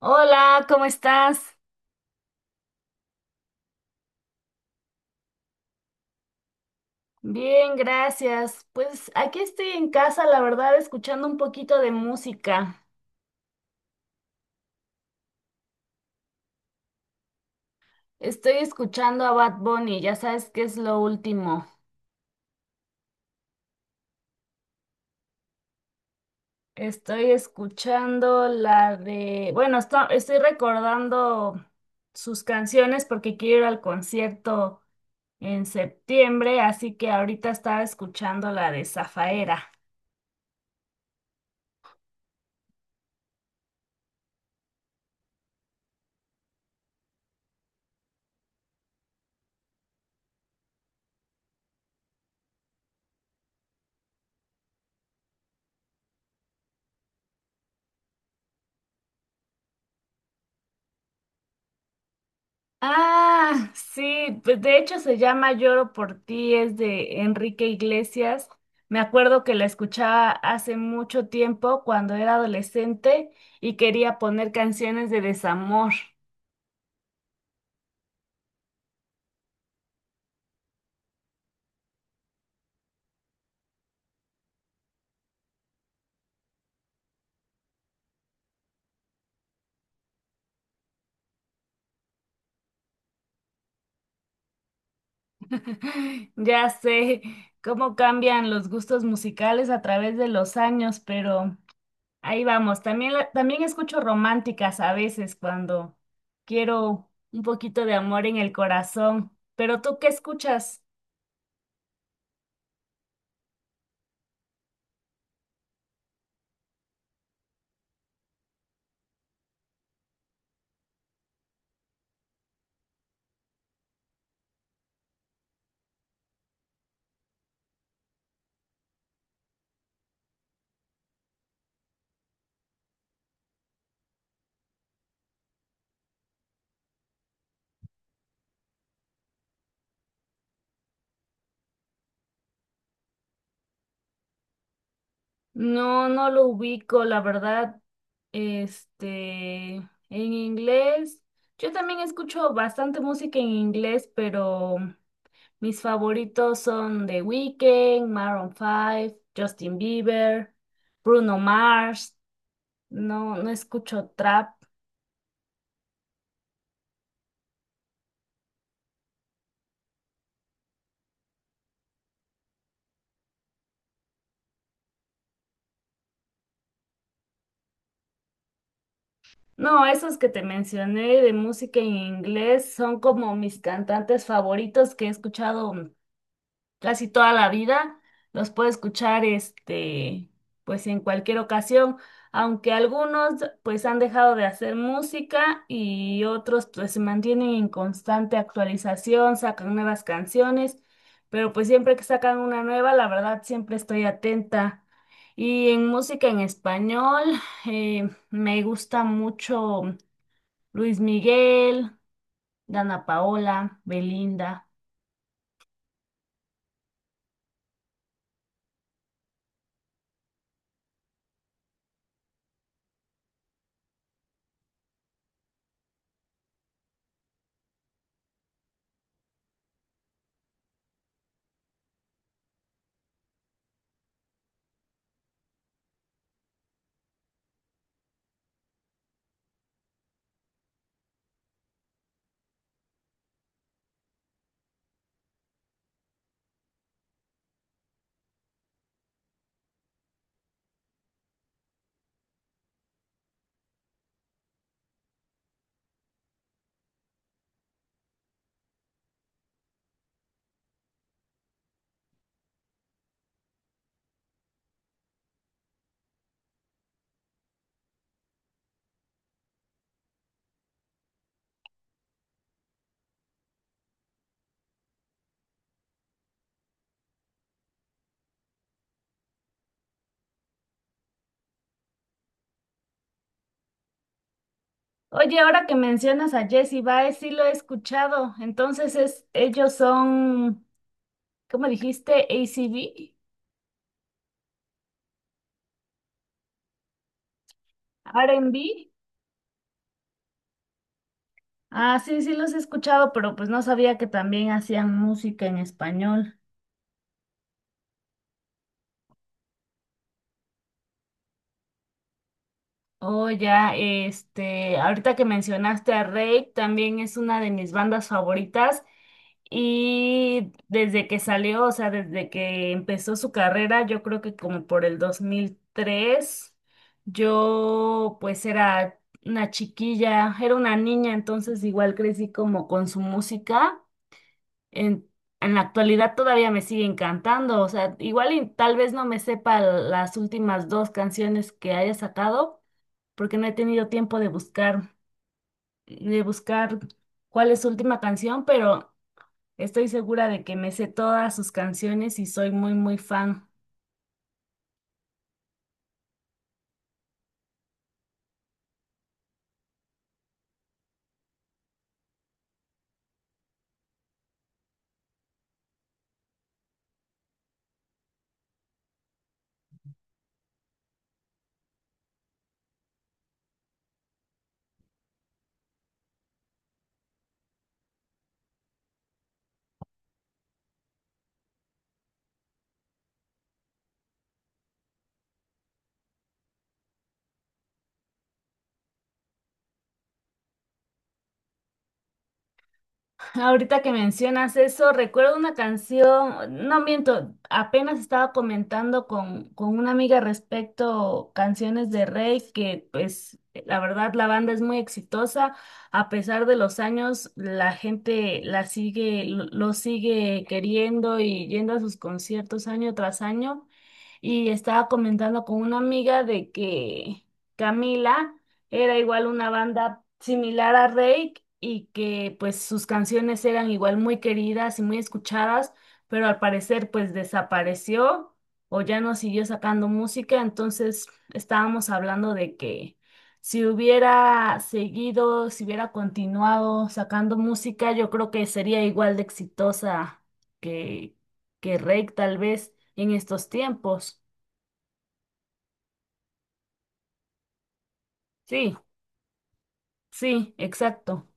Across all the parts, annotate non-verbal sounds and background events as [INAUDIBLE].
Hola, ¿cómo estás? Bien, gracias. Pues aquí estoy en casa, la verdad, escuchando un poquito de música. Estoy escuchando a Bad Bunny, ya sabes qué es lo último. Estoy escuchando la de, bueno, estoy recordando sus canciones porque quiero ir al concierto en septiembre, así que ahorita estaba escuchando la de Zafaera. Ah, sí, pues de hecho se llama Lloro por ti, es de Enrique Iglesias. Me acuerdo que la escuchaba hace mucho tiempo cuando era adolescente y quería poner canciones de desamor. [LAUGHS] Ya sé cómo cambian los gustos musicales a través de los años, pero ahí vamos. También, también escucho románticas a veces cuando quiero un poquito de amor en el corazón. Pero ¿tú qué escuchas? No, no lo ubico, la verdad. Este, en inglés, yo también escucho bastante música en inglés, pero mis favoritos son The Weeknd, Maroon 5, Justin Bieber, Bruno Mars. No, no escucho trap. No, esos que te mencioné de música en inglés son como mis cantantes favoritos que he escuchado casi toda la vida, los puedo escuchar este, pues en cualquier ocasión, aunque algunos pues han dejado de hacer música y otros pues se mantienen en constante actualización, sacan nuevas canciones, pero pues siempre que sacan una nueva, la verdad siempre estoy atenta. Y en música en español, me gusta mucho Luis Miguel, Dana Paola, Belinda. Oye, ahora que mencionas a Jessie Baez, sí lo he escuchado. Entonces es, ellos son, ¿cómo dijiste? ACB, R&B. Ah, sí, sí los he escuchado, pero pues no sabía que también hacían música en español. Oh, ya, este, ahorita que mencionaste a Rake, también es una de mis bandas favoritas y desde que salió, o sea, desde que empezó su carrera, yo creo que como por el 2003, yo pues era una chiquilla, era una niña, entonces igual crecí como con su música. En, en la actualidad todavía me sigue encantando, o sea, igual y tal vez no me sepa las últimas dos canciones que haya sacado porque no he tenido tiempo de buscar, de buscar cuál es su última canción, pero estoy segura de que me sé todas sus canciones y soy muy, muy fan. Ahorita que mencionas eso, recuerdo una canción, no miento, apenas estaba comentando con una amiga respecto canciones de Rey, que pues la verdad la banda es muy exitosa, a pesar de los años la gente la sigue, lo sigue queriendo y yendo a sus conciertos año tras año. Y estaba comentando con una amiga de que Camila era igual una banda similar a Rake y que pues sus canciones eran igual muy queridas y muy escuchadas, pero al parecer pues desapareció o ya no siguió sacando música, entonces estábamos hablando de que si hubiera seguido, si hubiera continuado sacando música, yo creo que sería igual de exitosa que Rake tal vez en estos tiempos. Sí, sí, exacto.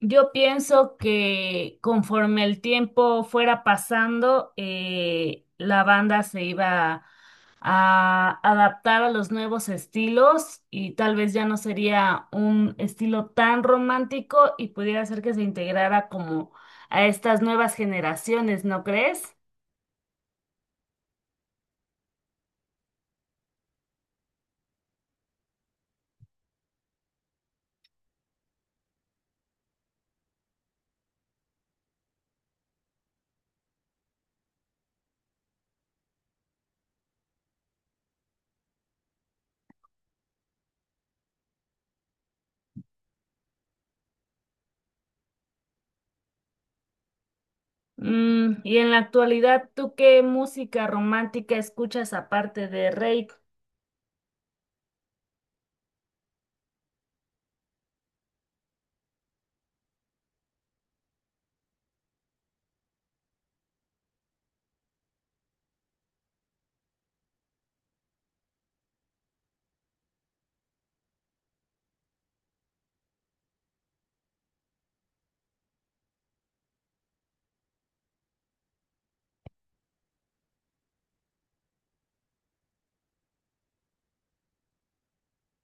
Yo pienso que conforme el tiempo fuera pasando, la banda se iba a adaptar a los nuevos estilos y tal vez ya no sería un estilo tan romántico y pudiera ser que se integrara como a estas nuevas generaciones, ¿no crees? Y en la actualidad, ¿tú qué música romántica escuchas aparte de rey?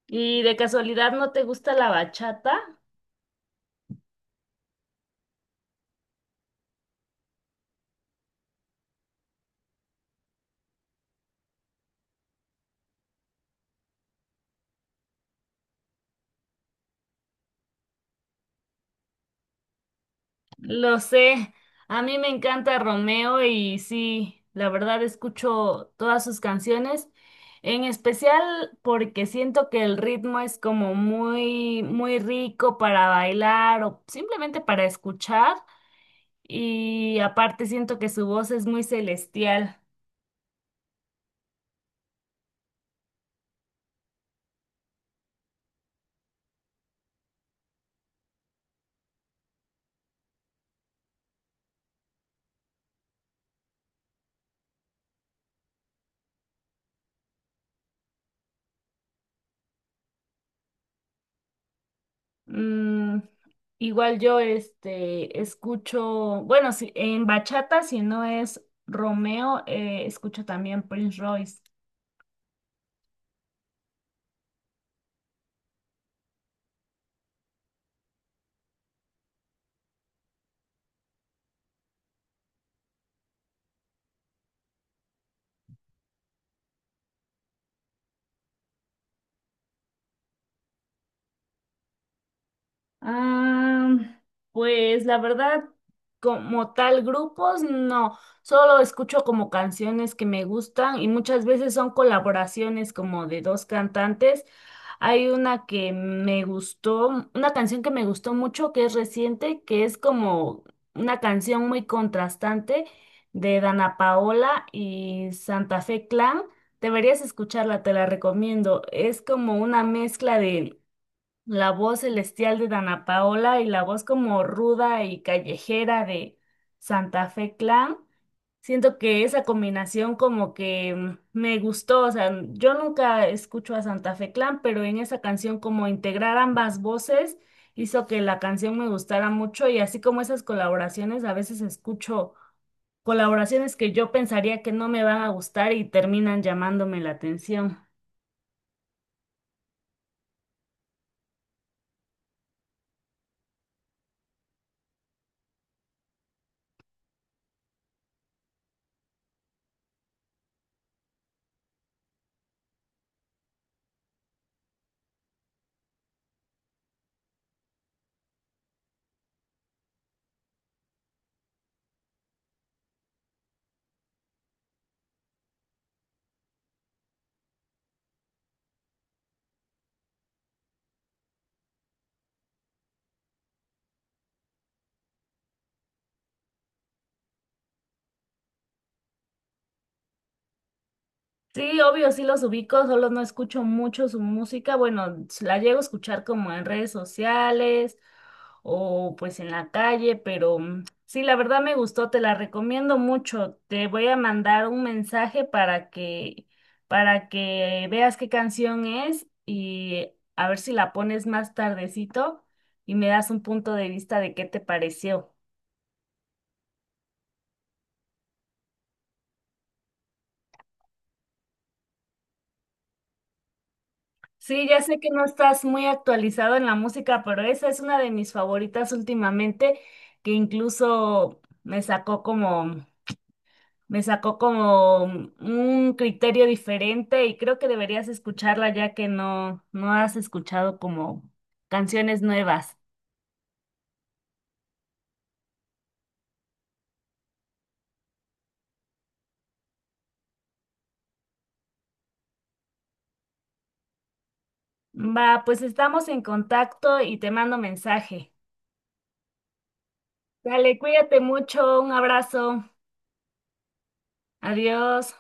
¿Y de casualidad no te gusta la bachata? Lo sé, a mí me encanta Romeo y sí, la verdad escucho todas sus canciones, en especial porque siento que el ritmo es como muy, muy rico para bailar o simplemente para escuchar y aparte siento que su voz es muy celestial. Mm, Igual yo este escucho, bueno, si, en bachata si no es Romeo, escucho también Prince Royce. Ah, pues la verdad, como tal, grupos no, solo escucho como canciones que me gustan y muchas veces son colaboraciones como de dos cantantes. Hay una que me gustó, una canción que me gustó mucho que es reciente, que es como una canción muy contrastante de Dana Paola y Santa Fe Clan. Deberías escucharla, te la recomiendo. Es como una mezcla de la voz celestial de Dana Paola y la voz como ruda y callejera de Santa Fe Clan. Siento que esa combinación como que me gustó, o sea, yo nunca escucho a Santa Fe Clan, pero en esa canción como integrar ambas voces hizo que la canción me gustara mucho y así como esas colaboraciones, a veces escucho colaboraciones que yo pensaría que no me van a gustar y terminan llamándome la atención. Sí, obvio, sí los ubico, solo no escucho mucho su música. Bueno, la llego a escuchar como en redes sociales o pues en la calle, pero mm, sí, la verdad me gustó, te la recomiendo mucho. Te voy a mandar un mensaje para que veas qué canción es y a ver si la pones más tardecito y me das un punto de vista de qué te pareció. Sí, ya sé que no estás muy actualizado en la música, pero esa es una de mis favoritas últimamente, que incluso me sacó como un criterio diferente y creo que deberías escucharla ya que no, no has escuchado como canciones nuevas. Va, pues estamos en contacto y te mando mensaje. Dale, cuídate mucho, un abrazo, adiós.